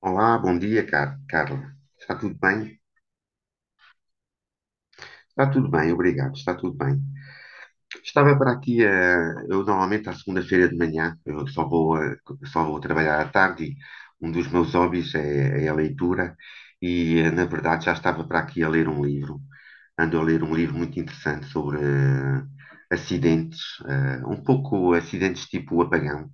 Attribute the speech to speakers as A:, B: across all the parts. A: Olá, bom dia, Carla. Está tudo bem? Está tudo bem, obrigado. Está tudo bem. Estava para aqui, eu normalmente à segunda-feira de manhã, eu só vou, só vou trabalhar à tarde, e um dos meus hobbies é a leitura e, na verdade, já estava para aqui a ler um livro. Ando a ler um livro muito interessante sobre acidentes, um pouco acidentes tipo apagão.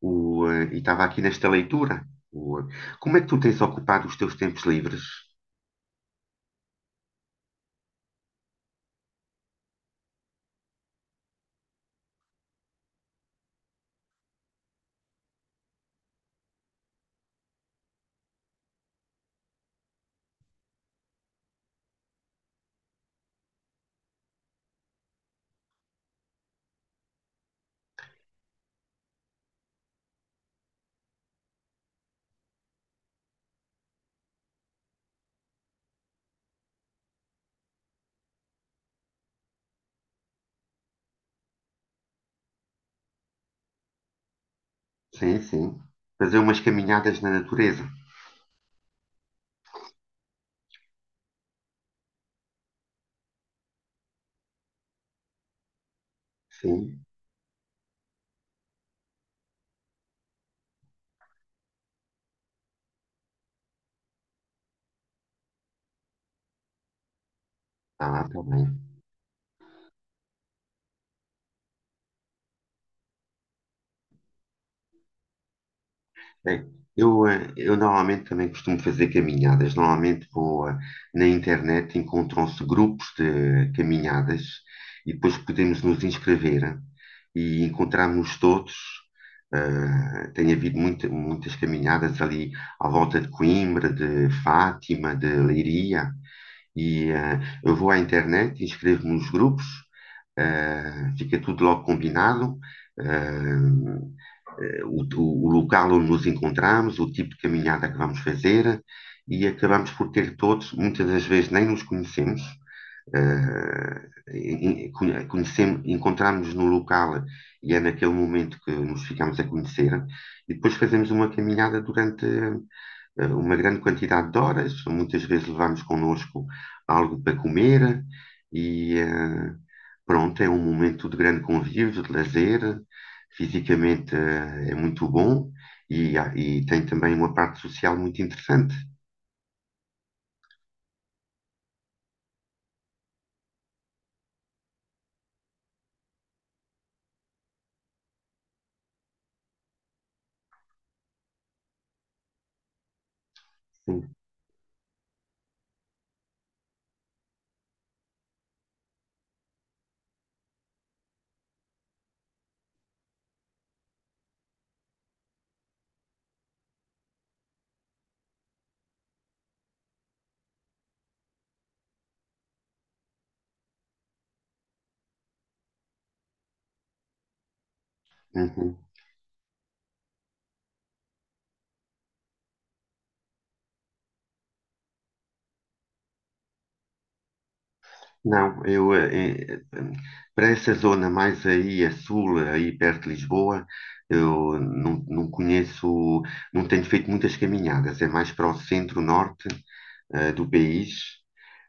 A: E estava aqui nesta leitura. O, eh, Como é que tu tens ocupado os teus tempos livres? Sim, sim. Fazer umas caminhadas na natureza. Sim, ah, tá bem. É, eu normalmente também costumo fazer caminhadas. Normalmente vou na internet, encontram-se grupos de caminhadas e depois podemos nos inscrever e encontrarmos todos. Tem havido muitas caminhadas ali à volta de Coimbra, de Fátima, de Leiria. E eh, eu vou à internet, inscrevo-me nos grupos, fica tudo logo combinado, eh, local onde nos encontramos, o tipo de caminhada que vamos fazer, e acabamos por ter todos, muitas das vezes nem nos conhecemos, eh, conhecemos, encontramos-nos no local, e é naquele momento que nos ficamos a conhecer, e depois fazemos uma caminhada durante uma grande quantidade de horas. Muitas vezes levamos connosco algo para comer e eh, pronto, é um momento de grande convívio, de lazer. Fisicamente é muito bom e, e tem também uma parte social muito interessante. Sim. Uhum. Não, para essa zona mais aí a sul, aí perto de Lisboa, eu não, não conheço, não tenho feito muitas caminhadas, é mais para o centro-norte do país.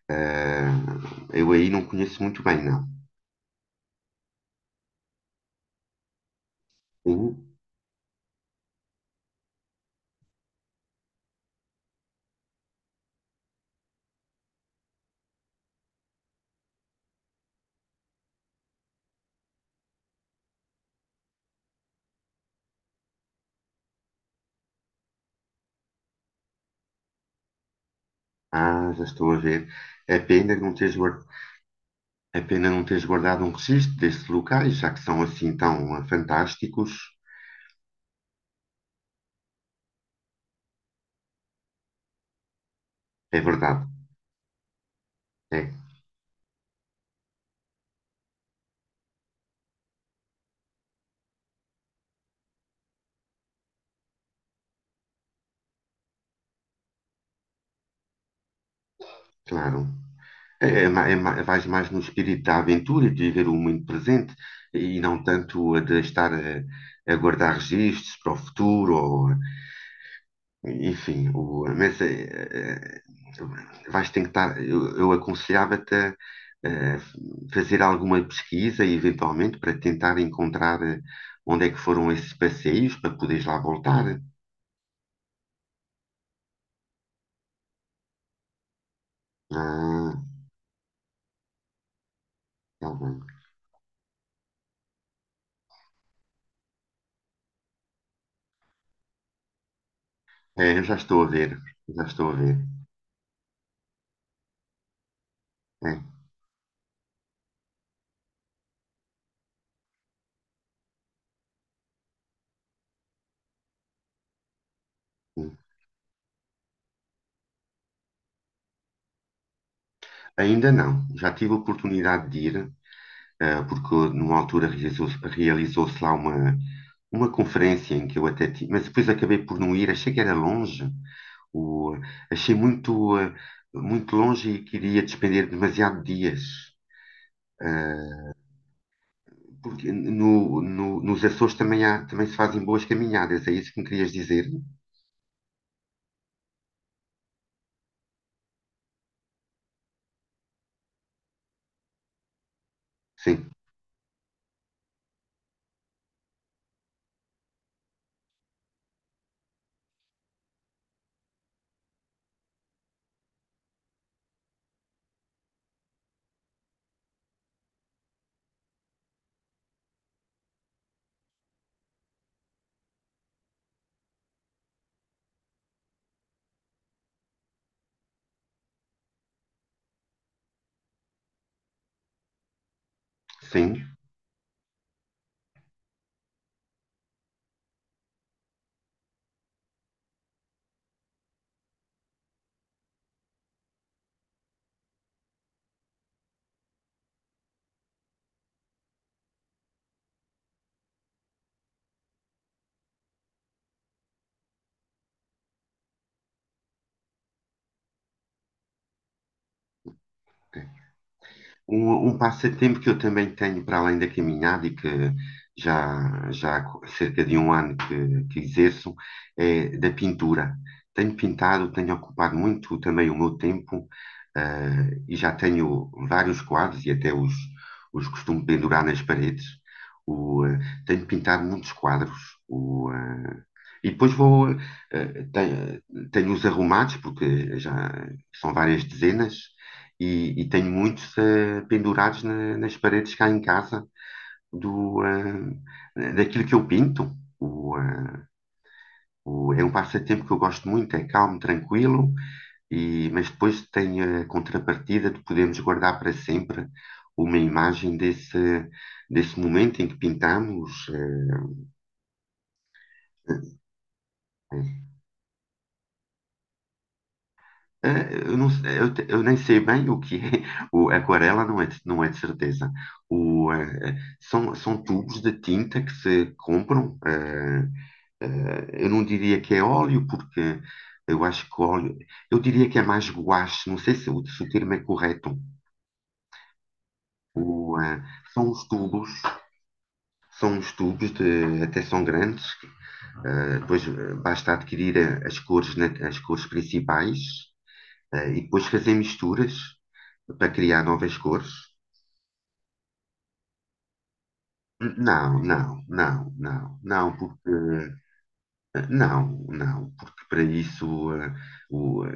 A: Eh, eu aí não conheço muito bem, não. Uh, ah, já estou a ver. É pena não é pena não teres guardado um registro destes locais, já que são assim tão ah, fantásticos. É verdade, é, claro. É, é, vais mais no espírito da aventura e de viver o momento presente, e não tanto a de estar a guardar registros para o futuro ou... Enfim, o, mas é, é, vais tentar. Eu aconselhava-te a, eh, fazer alguma pesquisa, eventualmente, para tentar encontrar onde é que foram esses passeios para poderes lá voltar. Ah, tá bem. É, eu já estou a ver, já estou a ver. É, sim. Ainda não, já tive a oportunidade de ir, porque numa altura realizou-se lá uma conferência em que eu até tive, mas depois acabei por não ir, achei que era longe, o, achei muito, muito longe e queria despender demasiado dias. Porque nos Açores também, há, também se fazem boas caminhadas, é isso que me querias dizer? Sim, sim. Um passatempo que eu também tenho para além da caminhada e que já há cerca de um ano que exerço é da pintura. Tenho pintado, tenho ocupado muito também o meu tempo, ah, e já tenho vários quadros e até os costumo pendurar nas paredes. O, ah, tenho pintado muitos quadros. O, ah, e depois vou. Tenho, tenho os arrumados, porque já são várias dezenas, e tenho muitos pendurados nas paredes cá em casa, do, daquilo que eu pinto. O, eh, É um passatempo que eu gosto muito, é calmo, tranquilo, e, mas depois tem a contrapartida de podermos guardar para sempre uma imagem desse, desse momento em que pintamos. eh, É, eu, não, eu nem sei bem o que é. O, aquarela não é, não é de certeza. São, são tubos de tinta que se compram. Eu não diria que é óleo, porque eu acho que óleo. Eu diria que é mais guache, não sei se, o se o termo é correto. O, eh, São os tubos, são os tubos de, até são grandes. Depois basta adquirir as cores, as cores principais, e depois fazer misturas para criar novas cores. Não, não, não, não, não, porque não, não, porque para isso o, eh,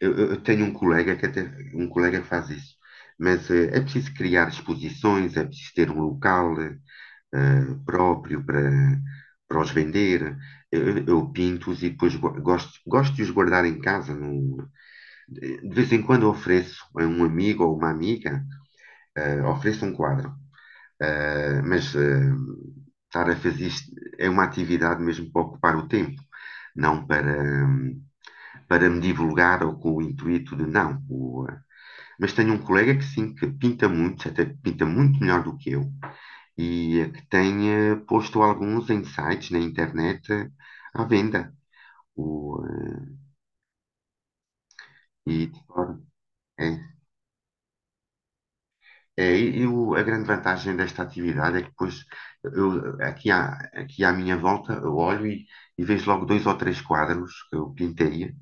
A: eu tenho um colega que até um colega que faz isso, mas é preciso criar exposições, é preciso ter um local próprio para, para os vender. Eu pinto-os e depois gosto, gosto de os guardar em casa. De vez em quando ofereço a um amigo ou uma amiga, ofereço um quadro. Ah, mas ah, estar a fazer isto é uma atividade mesmo para ocupar o tempo, não para, hum, para me divulgar ou com o intuito de não. Mas tenho um colega que sim, que pinta muito, até que pinta muito melhor do que eu, e ah, que tem ah, posto alguns em sites na internet ah, à venda. O, ah, e, claro, é. É, e a grande vantagem desta atividade é que depois eu, aqui, à, aqui à minha volta eu olho e vejo logo dois ou três quadros que eu pintei,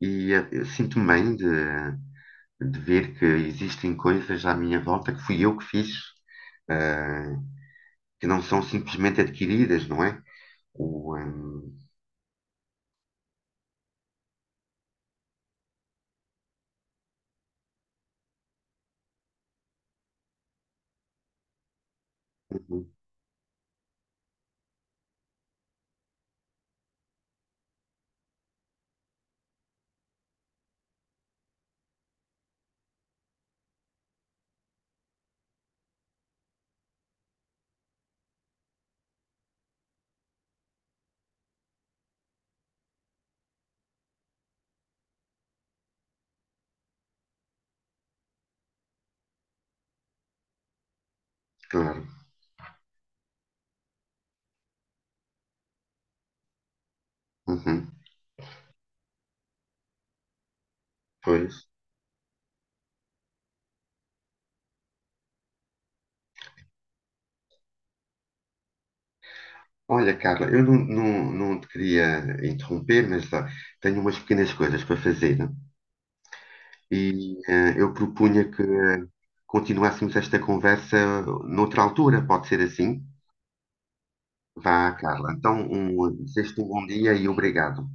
A: e eu sinto-me bem de ver que existem coisas à minha volta que fui eu que fiz, eh, que não são simplesmente adquiridas, não é? O, ehm, uhum, claro, uhum, pois. Olha, Carla, eu não, não, não te queria interromper, mas ah, tenho umas pequenas coisas para fazer. E eu propunha que continuássemos esta conversa noutra altura, pode ser assim? Vá, Carla. Então, um, desejo-te um bom dia e obrigado.